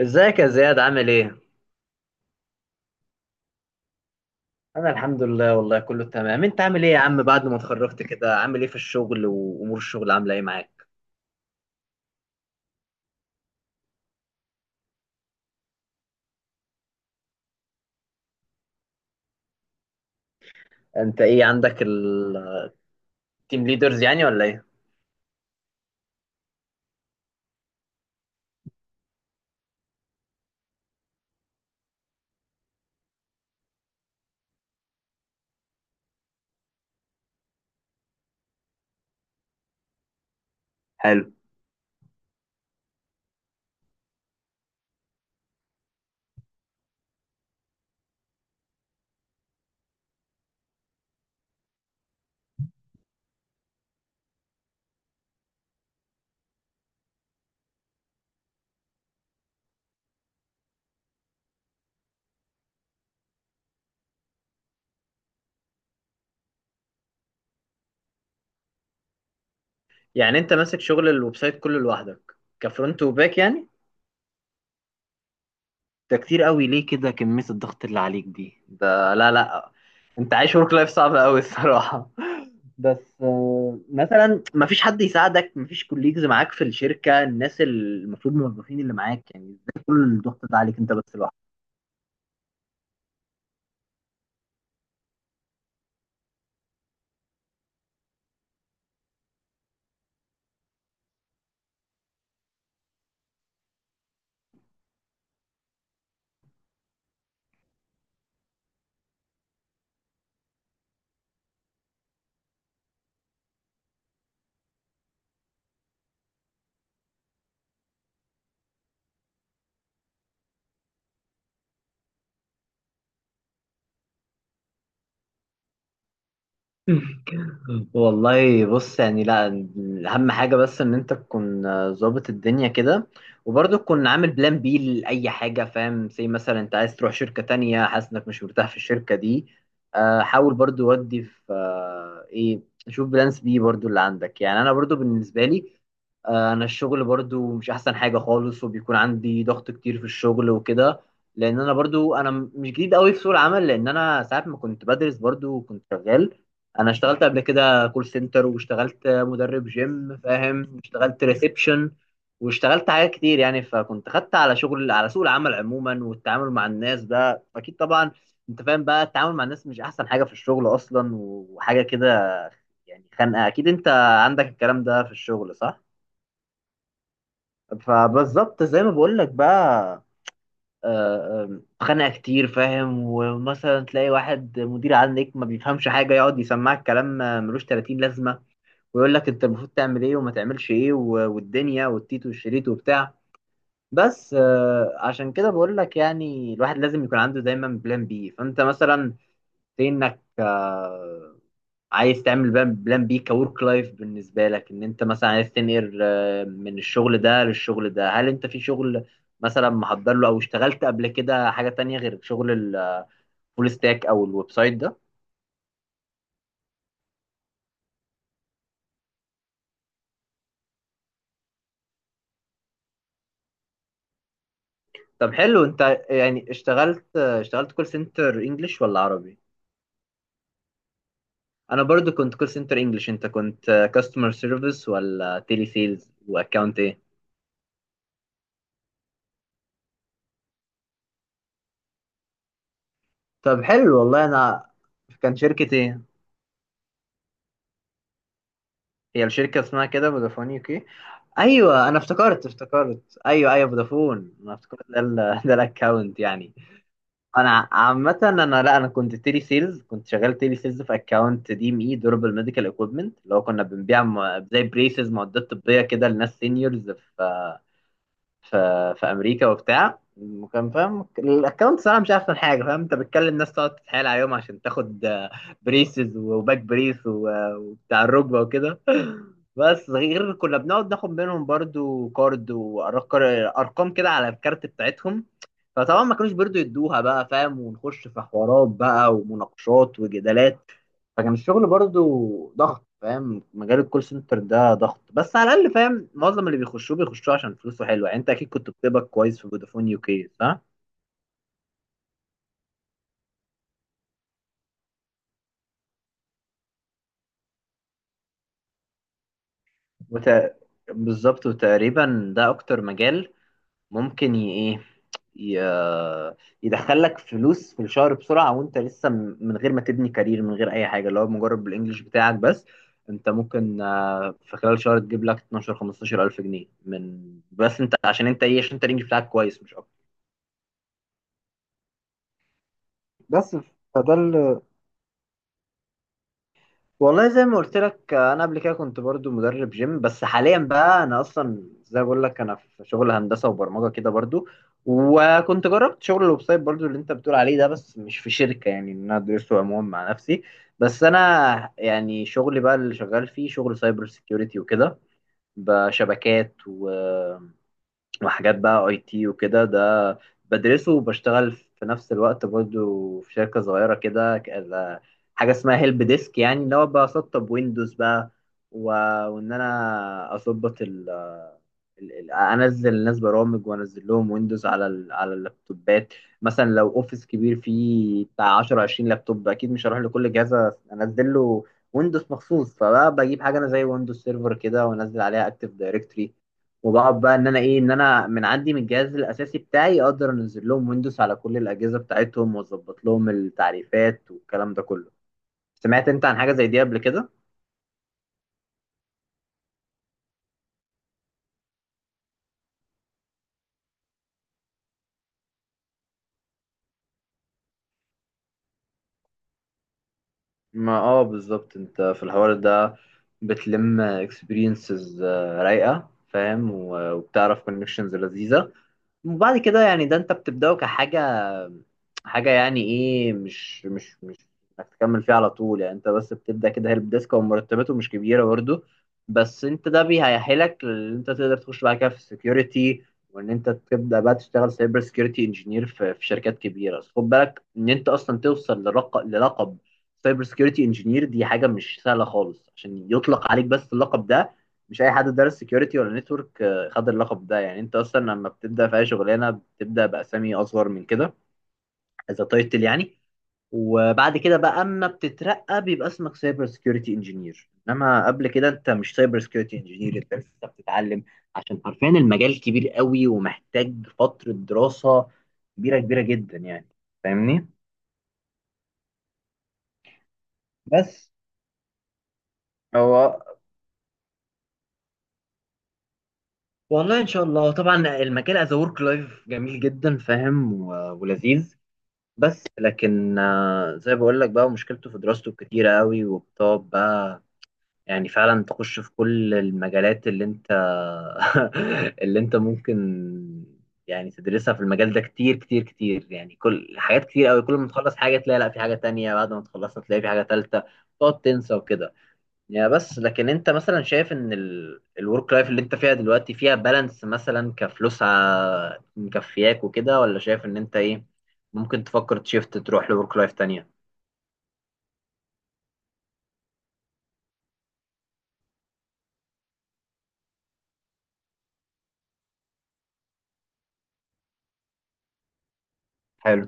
ازيك يا زياد؟ عامل ايه؟ انا الحمد لله، والله كله تمام. انت عامل ايه يا عم؟ بعد ما اتخرجت كده عامل ايه في الشغل، وامور الشغل عامله ايه معاك؟ انت ايه، عندك التيم ليدرز يعني ولا ايه؟ حلو. يعني انت ماسك شغل الويب سايت كله لوحدك، كفرونت وباك يعني؟ ده كتير قوي، ليه كده كمية الضغط اللي عليك دي؟ ده لا لا، انت عايش ورك لايف صعب قوي الصراحة. بس مثلا مفيش حد يساعدك، مفيش كوليجز معاك في الشركة، الناس المفروض موظفين اللي معاك، يعني ازاي كل الضغط ده عليك انت بس لوحدك؟ والله بص، يعني لا، اهم حاجه بس ان انت تكون ظابط الدنيا كده، وبرضه تكون عامل بلان بي لاي حاجه، فاهم؟ زي مثلا انت عايز تروح شركه تانية، حاسس انك مش مرتاح في الشركه دي، حاول برضه. ودي في ايه، شوف بلانس بي برضه اللي عندك. يعني انا برضه بالنسبه لي، انا الشغل برضو مش احسن حاجه خالص، وبيكون عندي ضغط كتير في الشغل وكده. لان انا برضو انا مش جديد قوي في سوق العمل، لان انا ساعات ما كنت بدرس برضو كنت شغال. انا اشتغلت قبل كده كول سنتر، واشتغلت مدرب جيم، فاهم؟ واشتغلت ريسبشن، واشتغلت حاجات كتير يعني، فكنت خدت على شغل، على سوق العمل عموما، والتعامل مع الناس ده اكيد طبعا. انت فاهم بقى، التعامل مع الناس مش احسن حاجة في الشغل اصلا، وحاجة كده يعني خانقة اكيد. انت عندك الكلام ده في الشغل صح؟ فبالظبط زي ما بقول لك بقى، خانقة كتير، فاهم؟ ومثلا تلاقي واحد مدير عندك ما بيفهمش حاجة، يقعد يسمعك كلام ملوش 30 لازمة، ويقول لك انت المفروض تعمل ايه وما تعملش ايه، والدنيا والتيت والشريط وبتاع. بس عشان كده بقول لك، يعني الواحد لازم يكون عنده دايما بلان بي. فانت مثلا في انك عايز تعمل بلان بي كورك لايف بالنسبه لك، ان انت مثلا عايز تنقل من الشغل ده للشغل ده. هل انت في شغل مثلا محضر له، او اشتغلت قبل كده حاجه تانية غير شغل الفول ستاك او الويب سايت ده؟ طب حلو. انت يعني اشتغلت اشتغلت كول سنتر انجلش ولا عربي؟ انا برضو كنت كول سنتر انجلش. انت كنت كاستمر سيرفيس ولا تيلي سيلز؟ واكاونت ايه؟ طب حلو والله. انا كان شركة ايه، هي الشركة اسمها كده فودافون يو كي؟ ايوه، انا افتكرت، افتكرت، ايوه ايوه فودافون. انا افتكرت ده ده الاكاونت يعني. انا عامة انا، لا انا كنت تيلي سيلز، كنت شغال تيلي سيلز في اكاونت دي ام اي، دوربل ميديكال اكويبمنت، اللي هو كنا بنبيع زي بريسز، معدات طبية كده، لناس سينيورز في في امريكا وبتاع. وكان، فاهم؟ الاكونت صراحه مش احسن حاجه. فاهم؟ انت بتكلم ناس، تقعد تتحايل عليهم عشان تاخد بريسز وباك بريس وبتاع الركبه وكده. بس غير كنا بنقعد ناخد منهم برضو كارد وارقام كده على الكارت بتاعتهم. فطبعا ما كانوش برضو يدوها بقى، فاهم؟ ونخش في حوارات بقى ومناقشات وجدالات. فكان الشغل برضو ضغط، فاهم؟ مجال الكول سنتر ده ضغط، بس على الاقل، فاهم؟ معظم اللي بيخشوه بيخشوه عشان فلوسه حلوه يعني. انت اكيد كنت بتقبض كويس في فودافون يو كي، صح؟ وت... بالظبط. وتقريبا ده اكتر مجال ممكن ايه، ي- يدخلك فلوس في الشهر بسرعه، وانت لسه من غير ما تبني كارير، من غير اي حاجه، اللي هو مجرد بالانجلش بتاعك بس. انت ممكن في خلال شهر تجيب لك 12 15 الف جنيه، من بس انت عشان انت ايه، عشان انت الانجليش بتاعك كويس مش بس. فده ال- والله زي ما قلت لك انا قبل كده كنت برضو مدرب جيم. بس حاليا بقى انا اصلا زي ما بقول لك، انا في شغل هندسه وبرمجه كده برضو. وكنت جربت شغل الويب سايت برضو اللي انت بتقول عليه ده، بس مش في شركه، يعني إن انا ادرسه عموما مع نفسي. بس انا يعني شغلي بقى اللي شغال فيه شغل سايبر سيكيورتي وكده، بشبكات وحاجات بقى اي تي وكده. ده بدرسه وبشتغل في نفس الوقت برضو في شركة صغيرة كده، حاجة اسمها هيلب ديسك، يعني اللي هو بسطب ويندوز بقى، و... وان انا اظبط انزل الناس برامج، وانزل لهم ويندوز على على اللابتوبات. مثلا لو اوفيس كبير فيه بتاع 10 20 لابتوب، اكيد مش هروح لكل جهاز انزل له ويندوز مخصوص. فبقى بجيب حاجة انا زي ويندوز سيرفر كده، وانزل عليها اكتيف دايركتري، وبقعد بقى ان انا ايه، ان انا من عندي من الجهاز الاساسي بتاعي اقدر انزل لهم ويندوز على كل الاجهزه بتاعتهم، واظبط لهم التعريفات والكلام ده كله. سمعت انت عن حاجه زي دي قبل كده؟ ما اه بالظبط. انت في الحوار ده بتلم اكسبيرينسز رايقه، فاهم؟ وبتعرف كونكشنز لذيذه. وبعد كده يعني، ده انت بتبدأه كحاجة، حاجة يعني ايه، مش انك تكمل فيها على طول يعني. انت بس بتبدأ كده هيلب ديسك، ومرتباته مش كبيرة برضه، بس انت ده بيهيحلك ان انت تقدر تخش بعد كده في السكيورتي، وان انت تبدأ بقى تشتغل سايبر سكيورتي انجينير في شركات كبيرة. بس خد بالك ان انت اصلا توصل للقب سايبر سكيورتي انجينير، دي حاجة مش سهلة خالص عشان يطلق عليك بس اللقب ده. مش اي حد دارس سكيورتي ولا نتورك خد اللقب ده. يعني انت اصلا لما بتبدا في اي شغلانه، بتبدا باسامي اصغر من كده، اذا تايتل يعني. وبعد كده بقى اما بتترقى، بيبقى اسمك سايبر سكيورتي انجينير. انما قبل كده انت مش سايبر سكيورتي انجينير، انت لسه بتتعلم. عشان حرفيا المجال كبير قوي، ومحتاج فتره دراسه كبيره، كبيره جدا يعني. فاهمني؟ بس هو والله، ان شاء الله طبعا. المجال از ورك لايف جميل جدا، فاهم؟ ولذيذ. بس لكن زي بقول لك بقى، مشكلته في دراسته كتيرة قوي، وبتقعد بقى يعني فعلا تخش في كل المجالات اللي انت اللي انت ممكن يعني تدرسها في المجال ده، كتير كتير كتير يعني، كل حاجات كتير قوي. كل ما تخلص حاجة تلاقي لا في حاجة تانية، بعد ما تخلصها تلاقي في حاجة تالتة، تقعد تنسى وكده. يا بس لكن انت مثلا شايف ان الورك لايف اللي انت فيها دلوقتي فيها بالانس مثلا، كفلوس مكفياك وكده، ولا شايف ان انت ايه ممكن تفكر تشيفت تروح لورك لايف تانية؟ حلو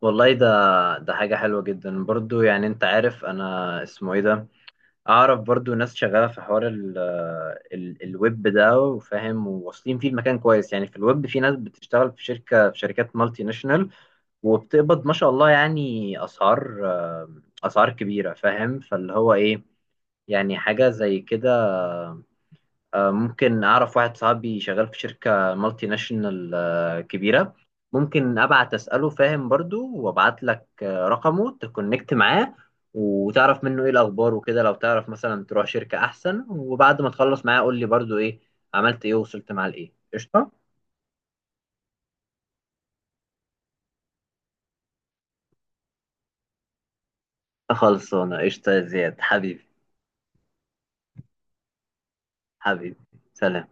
والله. ده ده حاجة حلوة جدا برضو، يعني انت عارف انا اسمه ايه ده. اعرف برضو ناس شغالة في حوار ال الويب ده، وفاهم، وواصلين فيه المكان كويس يعني. في الويب في ناس بتشتغل في شركة، في شركات مالتي ناشونال، وبتقبض ما شاء الله يعني، اسعار، اسعار كبيره، فاهم؟ فاللي هو ايه يعني، حاجه زي كده. ممكن اعرف واحد صاحبي شغال في شركه مالتي ناشونال كبيره. ممكن ابعت اساله، فاهم؟ برضو وابعت لك رقمه، تكونكت معاه، وتعرف منه ايه الاخبار وكده. لو تعرف مثلا تروح شركه احسن، وبعد ما تخلص معاه قول لي برضو ايه عملت ايه، ووصلت معاه لايه. قشطه. خلصانه قشطه يا زياد حبيبي. حبيبي، سلام.